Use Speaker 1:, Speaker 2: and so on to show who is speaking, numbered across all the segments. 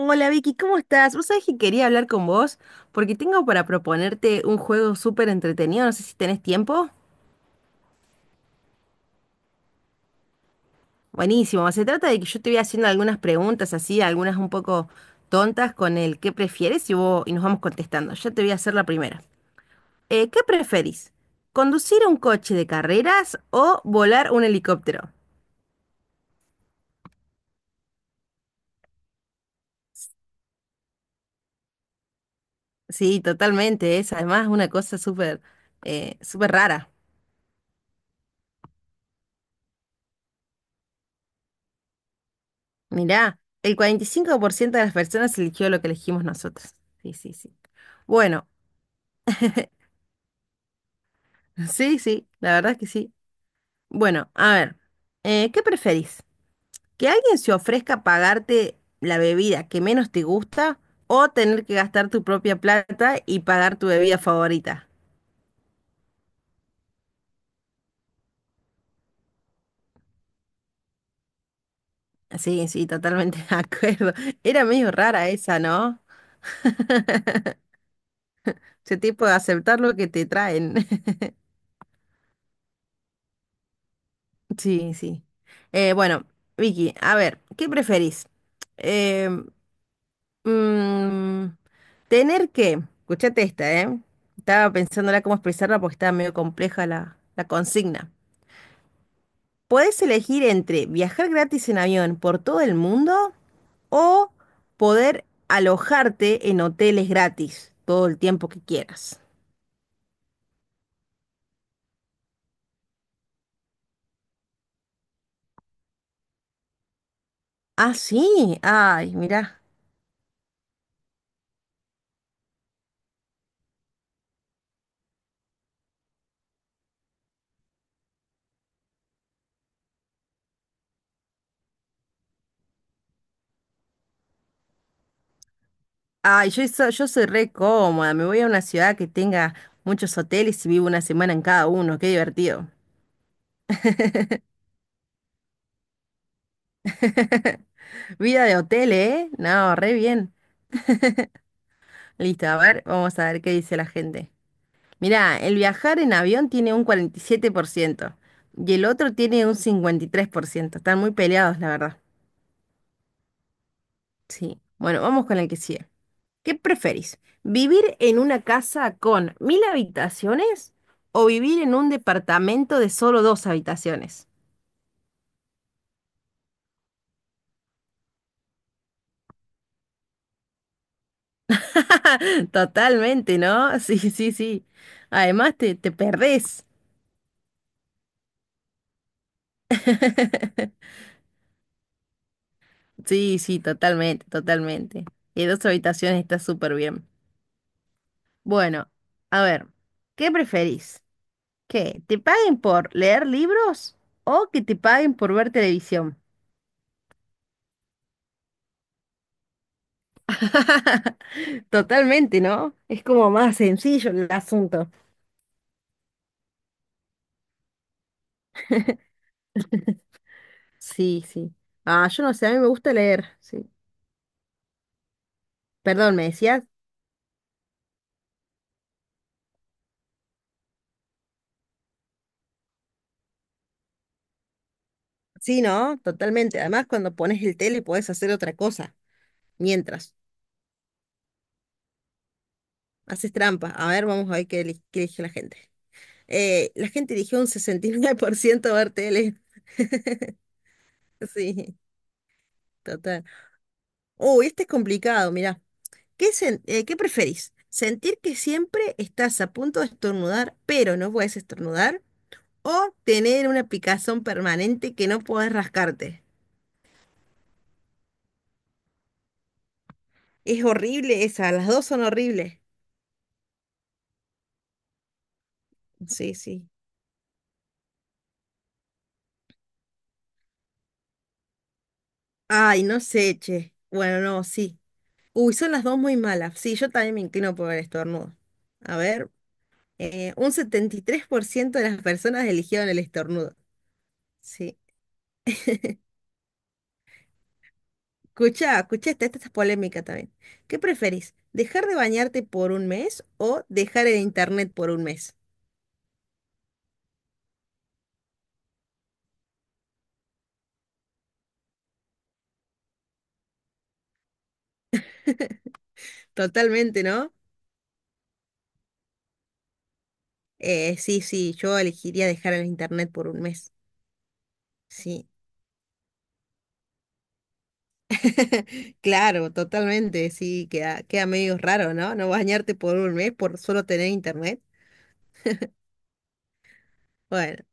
Speaker 1: Hola Vicky, ¿cómo estás? Vos sabés que quería hablar con vos porque tengo para proponerte un juego súper entretenido, no sé si tenés tiempo. Buenísimo, se trata de que yo te voy haciendo algunas preguntas así, algunas un poco tontas con el qué prefieres y, vos, y nos vamos contestando. Yo te voy a hacer la primera. ¿Qué preferís? ¿Conducir un coche de carreras o volar un helicóptero? Sí, totalmente, es además una cosa súper súper rara. Mirá, el 45% de las personas eligió lo que elegimos nosotros. Sí, sí, sí. Bueno, sí, sí, la verdad es que sí. Bueno, a ver, ¿qué preferís? ¿Que alguien se ofrezca a pagarte la bebida que menos te gusta o tener que gastar tu propia plata y pagar tu bebida favorita? Sí, sí, totalmente de acuerdo. Era medio rara esa, ¿no? Ese tipo de aceptar lo que te traen. Sí, sí. Bueno, Vicky, a ver, ¿qué preferís? Eh, mm, tener que, escuchate esta, ¿eh? Estaba pensándola cómo expresarla porque estaba medio compleja la consigna. Podés elegir entre viajar gratis en avión por todo el mundo o poder alojarte en hoteles gratis todo el tiempo que quieras. Ah, sí. Ay, mirá. Ay, yo, yo soy re cómoda, me voy a una ciudad que tenga muchos hoteles y vivo una semana en cada uno, qué divertido. Vida de hotel, ¿eh? No, re bien. Listo, a ver, vamos a ver qué dice la gente. Mirá, el viajar en avión tiene un 47% y 7% y el otro tiene un 53%. Están muy peleados, la verdad. Sí. Bueno, vamos con el que sigue. ¿Qué preferís? ¿Vivir en una casa con mil habitaciones o vivir en un departamento de solo dos habitaciones? Totalmente, ¿no? Sí, sí, sí. Además te perdés. Sí, sí, totalmente, totalmente. Y dos habitaciones está súper bien. Bueno, a ver, ¿qué preferís? ¿Que te paguen por leer libros o que te paguen por ver televisión? Totalmente, ¿no? Es como más sencillo el asunto. Sí, sí. Ah, yo no sé, a mí me gusta leer, sí. Perdón, ¿me decías? Sí, ¿no? Totalmente. Además, cuando pones el tele puedes hacer otra cosa mientras haces trampa. A ver, vamos a ver qué elige la gente. La gente eligió un 69% ver tele. Sí, total. Uy, este es complicado, mirá. ¿Qué preferís? ¿Sentir que siempre estás a punto de estornudar, pero no puedes estornudar? ¿O tener una picazón permanente que no podés rascarte? Es horrible esa, las dos son horribles. Sí, sí. Ay, no sé, che. Bueno, no, sí. Uy, son las dos muy malas. Sí, yo también me inclino por el estornudo. A ver, un 73% de las personas eligieron el estornudo. Sí. Escucha, escucha, esta es polémica también. ¿Qué preferís? ¿Dejar de bañarte por un mes o dejar el internet por un mes? Totalmente, ¿no? Sí, sí, yo elegiría dejar el internet por un mes. Sí. Claro, totalmente. Sí, queda medio raro, ¿no? No bañarte por un mes por solo tener internet. Bueno.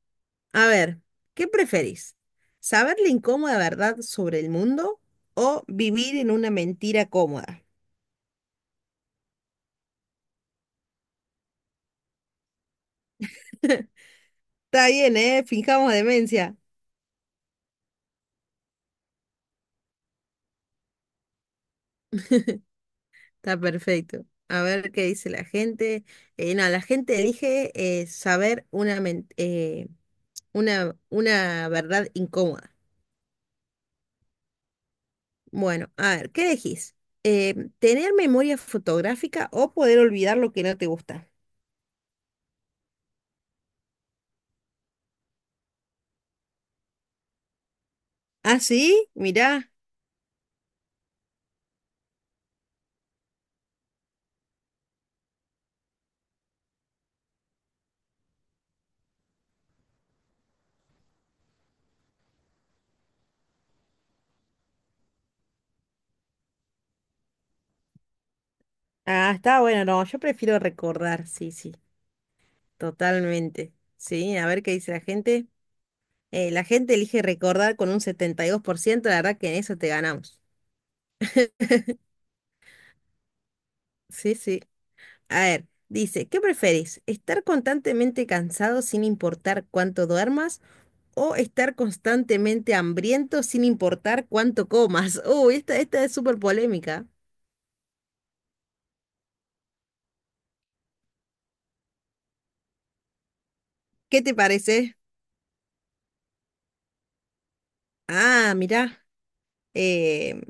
Speaker 1: A ver, ¿qué preferís? ¿Saber la incómoda verdad sobre el mundo o vivir en una mentira cómoda? Está bien, ¿eh? Fijamos demencia. Está perfecto. A ver qué dice la gente. No, la gente elige saber una verdad incómoda. Bueno, a ver, ¿qué elegís? ¿Tener memoria fotográfica o poder olvidar lo que no te gusta? ¿Ah, sí? Mirá. Ah, está bueno, no, yo prefiero recordar, sí, sí. Totalmente. Sí, a ver qué dice la gente. La gente elige recordar con un 72%. La verdad que en eso te ganamos. Sí, sí. A ver, dice, ¿qué preferís? ¿Estar constantemente cansado sin importar cuánto duermas o estar constantemente hambriento sin importar cuánto comas? Uy, esta es súper polémica. ¿Qué te parece? Ah, mirá. Eh,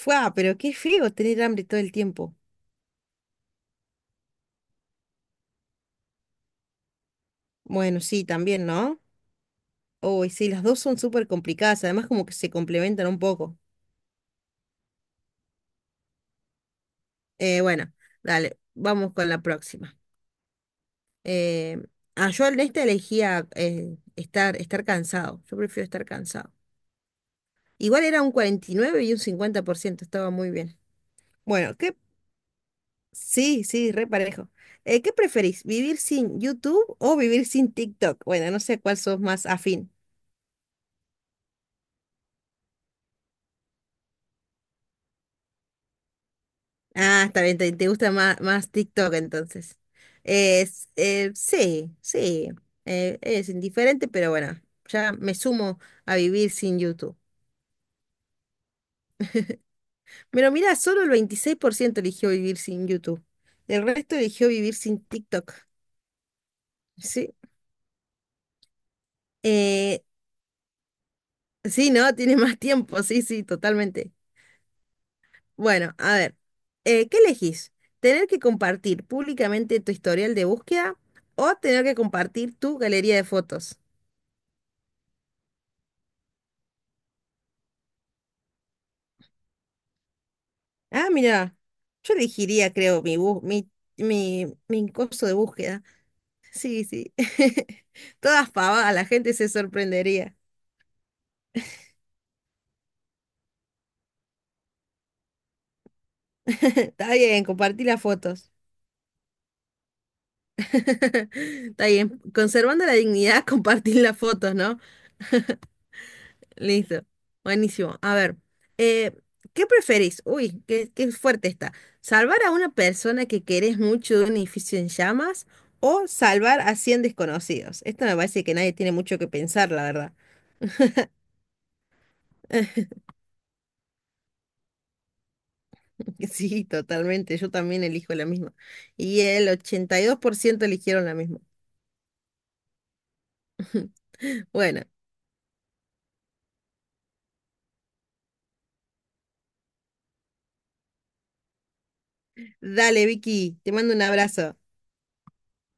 Speaker 1: fua, pero qué feo tener hambre todo el tiempo. Bueno, sí, también, ¿no? Uy, sí, las dos son súper complicadas, además como que se complementan un poco. Bueno, dale, vamos con la próxima. Eh, yo en esta elegía estar cansado, yo prefiero estar cansado. Igual era un 49 y nueve y un 50% estaba muy bien. Bueno, ¿qué? Sí, sí, re parejo. ¿Qué preferís, vivir sin YouTube o vivir sin TikTok? Bueno, no sé cuál sos más afín. Ah, está bien, te gusta más TikTok entonces. Sí, sí, es indiferente, pero bueno, ya me sumo a vivir sin YouTube. Pero mira, solo el 26% eligió vivir sin YouTube. El resto eligió vivir sin TikTok. Sí, eh, sí, ¿no? Tiene más tiempo, sí, sí, totalmente. Bueno, a ver, ¿qué elegís? ¿Tener que compartir públicamente tu historial de búsqueda o tener que compartir tu galería de fotos? Ah, mira, yo elegiría, creo, mi bus, mi coso de búsqueda. Sí, sí. Todas pavadas, la gente se sorprendería. Está bien, compartí las fotos. Está bien, conservando la dignidad, compartir las fotos, ¿no? Listo. Buenísimo. A ver, eh, ¿qué preferís? Uy, qué fuerte está. ¿Salvar a una persona que querés mucho de un edificio en llamas o salvar a 100 desconocidos? Esto me parece que nadie tiene mucho que pensar, la verdad. Sí, totalmente. Yo también elijo la misma. Y el 82% eligieron la misma. Bueno, dale, Vicky, te mando un abrazo.